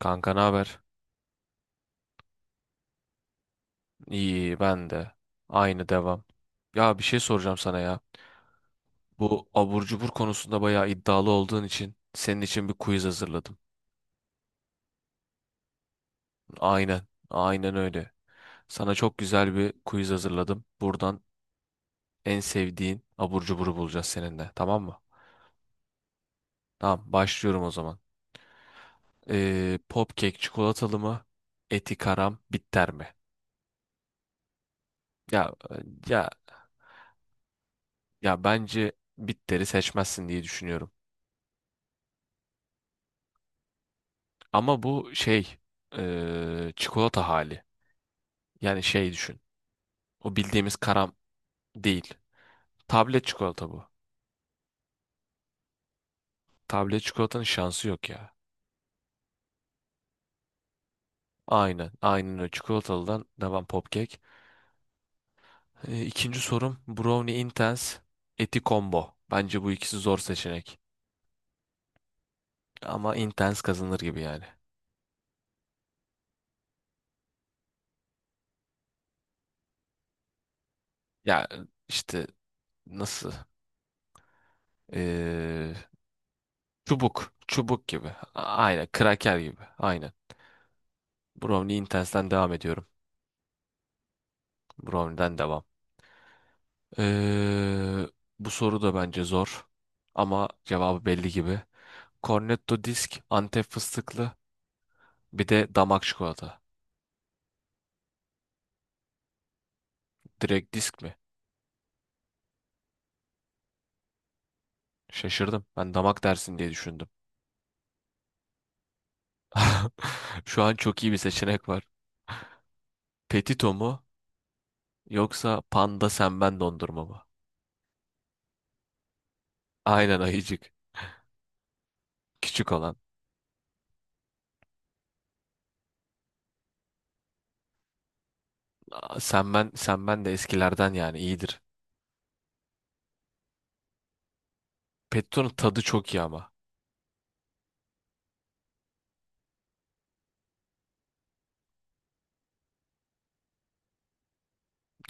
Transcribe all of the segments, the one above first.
Kanka ne haber? İyi ben de. Aynı devam. Ya bir şey soracağım sana ya. Bu abur cubur konusunda bayağı iddialı olduğun için senin için bir quiz hazırladım. Aynen. Aynen öyle. Sana çok güzel bir quiz hazırladım. Buradan en sevdiğin abur cuburu bulacağız seninle. Tamam mı? Tamam başlıyorum o zaman. Popkek çikolatalı mı? Eti karam bitter mi? Ya ya ya bence bitteri seçmezsin diye düşünüyorum. Ama bu şey çikolata hali. Yani şey düşün. O bildiğimiz karam değil. Tablet çikolata bu. Tablet çikolatanın şansı yok ya. Aynen. Aynen o çikolatalıdan devam popkek. İkinci sorum Brownie Intense Eti Combo. Bence bu ikisi zor seçenek. Ama Intense kazanır gibi yani. Ya işte nasıl? Eee, çubuk. Çubuk gibi. Aynen. Kraker gibi. Aynen. Brownie Intense'den devam ediyorum. Brownie'den devam. Ee, bu soru da bence zor ama cevabı belli gibi. Cornetto disk, Antep fıstıklı, bir de damak çikolata. Direkt disk mi? Şaşırdım. Ben damak dersin diye düşündüm. Şu an çok iyi bir seçenek var. Petito mu yoksa Panda Senben dondurma mı? Aynen ayıcık. Küçük olan. Senben, Senben de eskilerden yani iyidir. Petito'nun tadı çok iyi ama.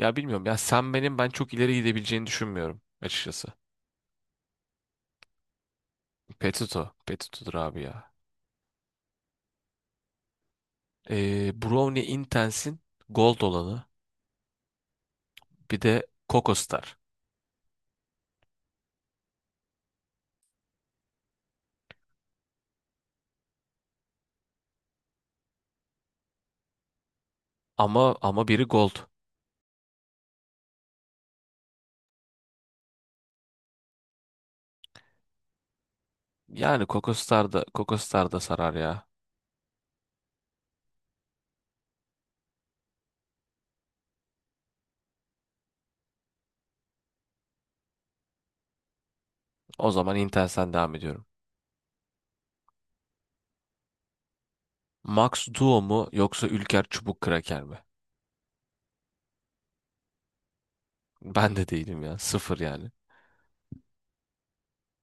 Ya bilmiyorum ya Senben'in ben çok ileri gidebileceğini düşünmüyorum açıkçası. Petuto. Petuto'dur abi ya. Brownie Intense'in Gold olanı. Bir de Coco Star. Ama biri Gold. Yani Coco Star da, Coco Star da sarar ya. O zaman Intense'den devam ediyorum. Max Duo mu yoksa Ülker Çubuk Kraker mi? Ben de değilim ya. Sıfır yani.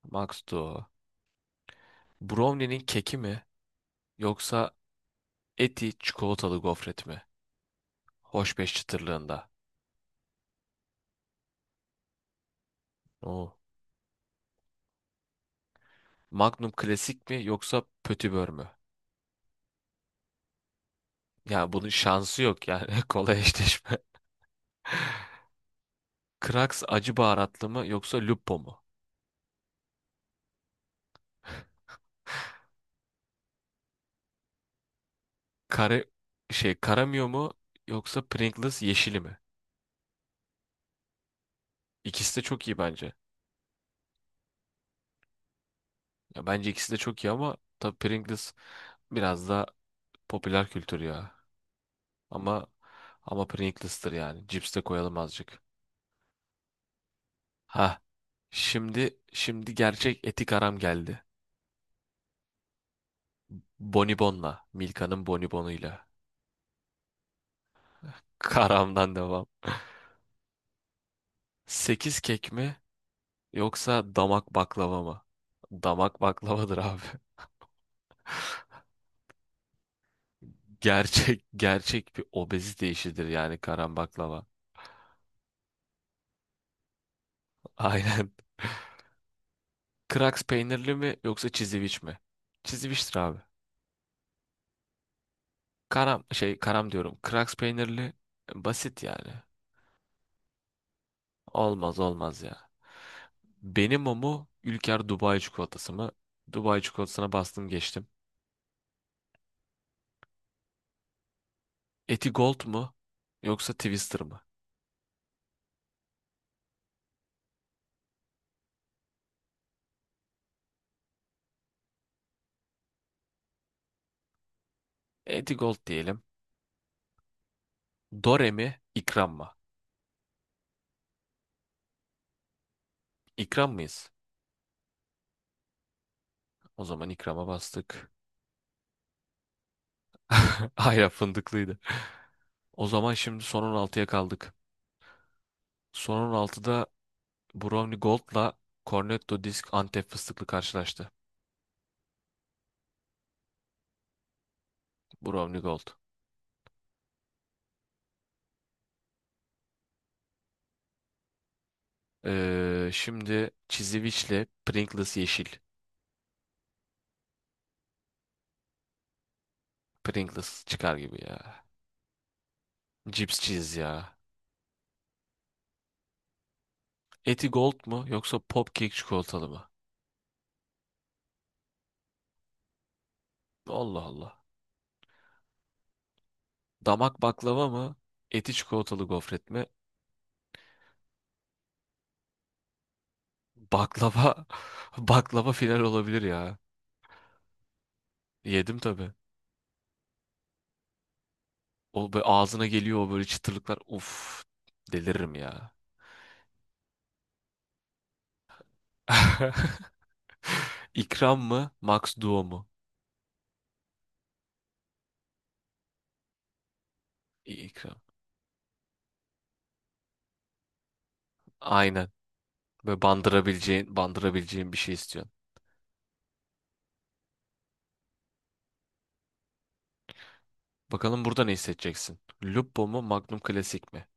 Max Duo. Brownie'nin keki mi yoksa Eti çikolatalı gofret mi? Hoşbeş çıtırlığında. Oo. Magnum klasik mi yoksa pötibör mü? Yani bunun şansı yok yani kolay eşleşme. Krax acı baharatlı mı yoksa Lupo mu? Kare Karamio mu yoksa Pringles yeşili mi? İkisi de çok iyi bence. Ya bence ikisi de çok iyi ama tabii Pringles biraz daha popüler kültür ya. Ama ama Pringles'tır yani. Cips de koyalım azıcık. Ha. Şimdi gerçek etik aram geldi. Bonibon'la. Milka'nın Bonibon'uyla. Karamdan devam. 8 kek mi yoksa damak baklava mı? Damak baklavadır abi. Gerçek gerçek bir obezite işidir yani karam baklava. Aynen. Kraks peynirli mi yoksa çiziviç mi? Çiziviçtir abi. Karam karam diyorum. Kraks peynirli basit yani. Olmaz olmaz ya. Benim o mu Ülker Dubai çikolatası mı? Dubai çikolatasına bastım geçtim. Eti Gold mu yoksa Twister mı? Eti Gold diyelim. Dore mi? İkram mı? İkram mıyız? O zaman ikrama bastık. Hayır fındıklıydı. O zaman şimdi son 16'ya kaldık. Son 16'da Brownie Gold'la Cornetto Disk Antep fıstıklı karşılaştı. Brownie Gold. Şimdi Çiziviç'le Pringles yeşil. Pringles çıkar gibi ya. Cips cheese ya. Eti Gold mu yoksa Popkek çikolatalı mı? Allah Allah. Damak baklava mı? Eti çikolatalı gofret mi? Baklava baklava final olabilir ya. Yedim tabii. O böyle ağzına geliyor o böyle çıtırlıklar. Uf deliririm ya. İkram mı? Max Duo mu? İkram. Aynen. Böyle bandırabileceğin, bandırabileceğin bir şey istiyorsun. Bakalım burada ne hissedeceksin? Lupo mu, Magnum Klasik mi?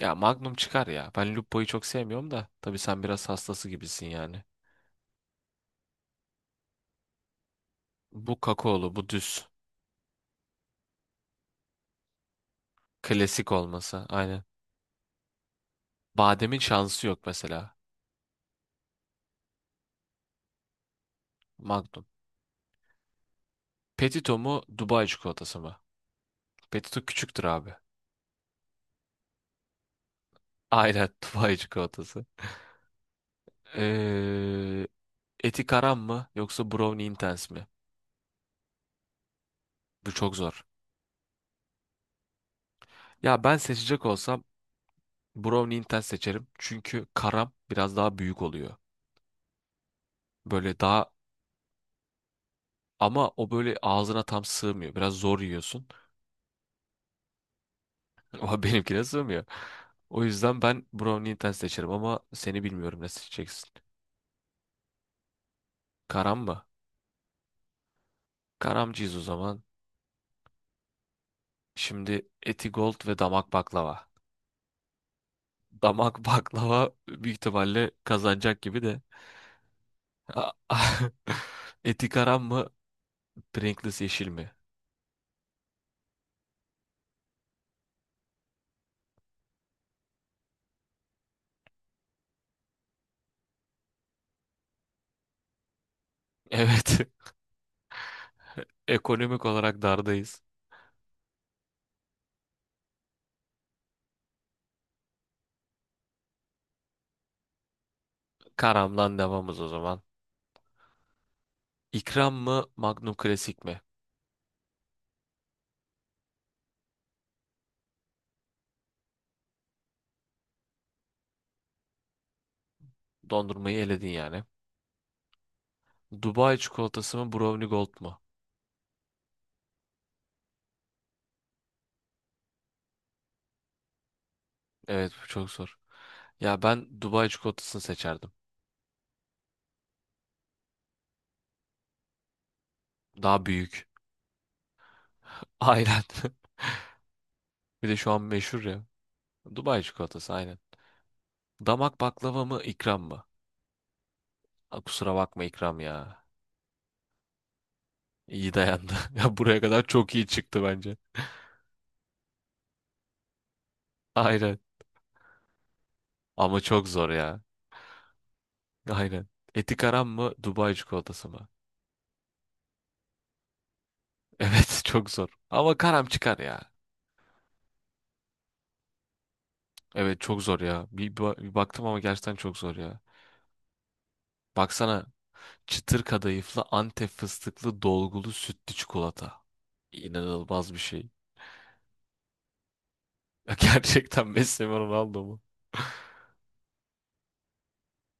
Ya Magnum çıkar ya. Ben Lupo'yu çok sevmiyorum da. Tabii sen biraz hastası gibisin yani. Bu kakaolu, bu düz. Klasik olmasa. Aynen. Bademin şansı yok mesela. Magnum. Petito mu Dubai çikolatası mı? Petito küçüktür abi. Aynen Dubai çikolatası. Ee, eti karam mı yoksa brownie intense mi? Bu çok zor. Ya ben seçecek olsam brownie intense seçerim. Çünkü karam biraz daha büyük oluyor. Böyle daha ama o böyle ağzına tam sığmıyor. Biraz zor yiyorsun. Ama benimkine sığmıyor. O yüzden ben brownie intense seçerim ama seni bilmiyorum ne seçeceksin. Karam mı? Karamcıyız o zaman. Şimdi Etigold ve damak baklava. Damak baklava büyük ihtimalle kazanacak gibi de. A- Eti karam mı? Pringles yeşil mi? Evet. Ekonomik olarak dardayız. Karamdan devamız o zaman. İkram mı? Magnum Klasik mi? Dondurmayı eledin yani. Dubai çikolatası mı? Brownie Gold mu? Evet bu çok zor. Ya ben Dubai çikolatasını seçerdim. Daha büyük. Aynen. Bir de şu an meşhur ya. Dubai çikolatası aynen. Damak baklava mı ikram mı? Ha, kusura bakma ikram ya. İyi dayandı. Ya buraya kadar çok iyi çıktı bence. Aynen. Ama çok zor ya. Aynen. Eti karam mı Dubai çikolatası mı? Evet çok zor. Ama karam çıkar ya. Evet çok zor ya. Bir baktım ama gerçekten çok zor ya. Baksana çıtır kadayıflı Antep fıstıklı dolgulu sütlü çikolata. İnanılmaz bir şey. Ya gerçekten Messi mi Ronaldo mu?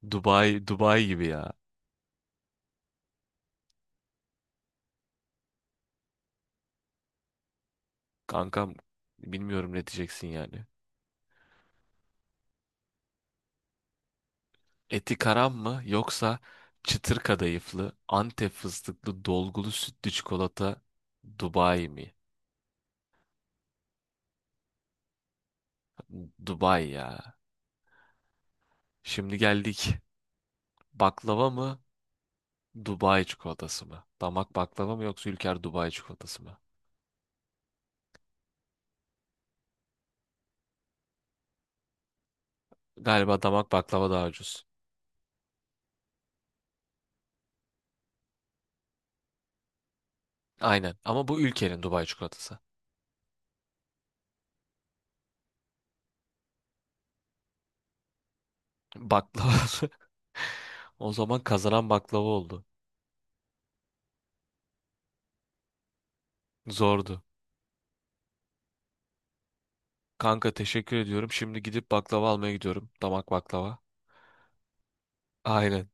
Dubai, Dubai gibi ya. Kankam bilmiyorum ne diyeceksin yani. Eti karam mı yoksa çıtır kadayıflı, Antep fıstıklı, dolgulu sütlü çikolata Dubai mi? Dubai ya. Şimdi geldik. Baklava mı? Dubai çikolatası mı? Damak baklava mı yoksa Ülker Dubai çikolatası mı? Galiba damak baklava daha ucuz. Aynen ama bu Ülker'in Dubai çikolatası. Baklava. O zaman kazanan baklava oldu. Zordu. Kanka teşekkür ediyorum. Şimdi gidip baklava almaya gidiyorum. Damak baklava. Aynen.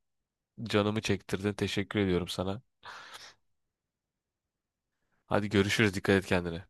Canımı çektirdin. Teşekkür ediyorum sana. Hadi görüşürüz. Dikkat et kendine.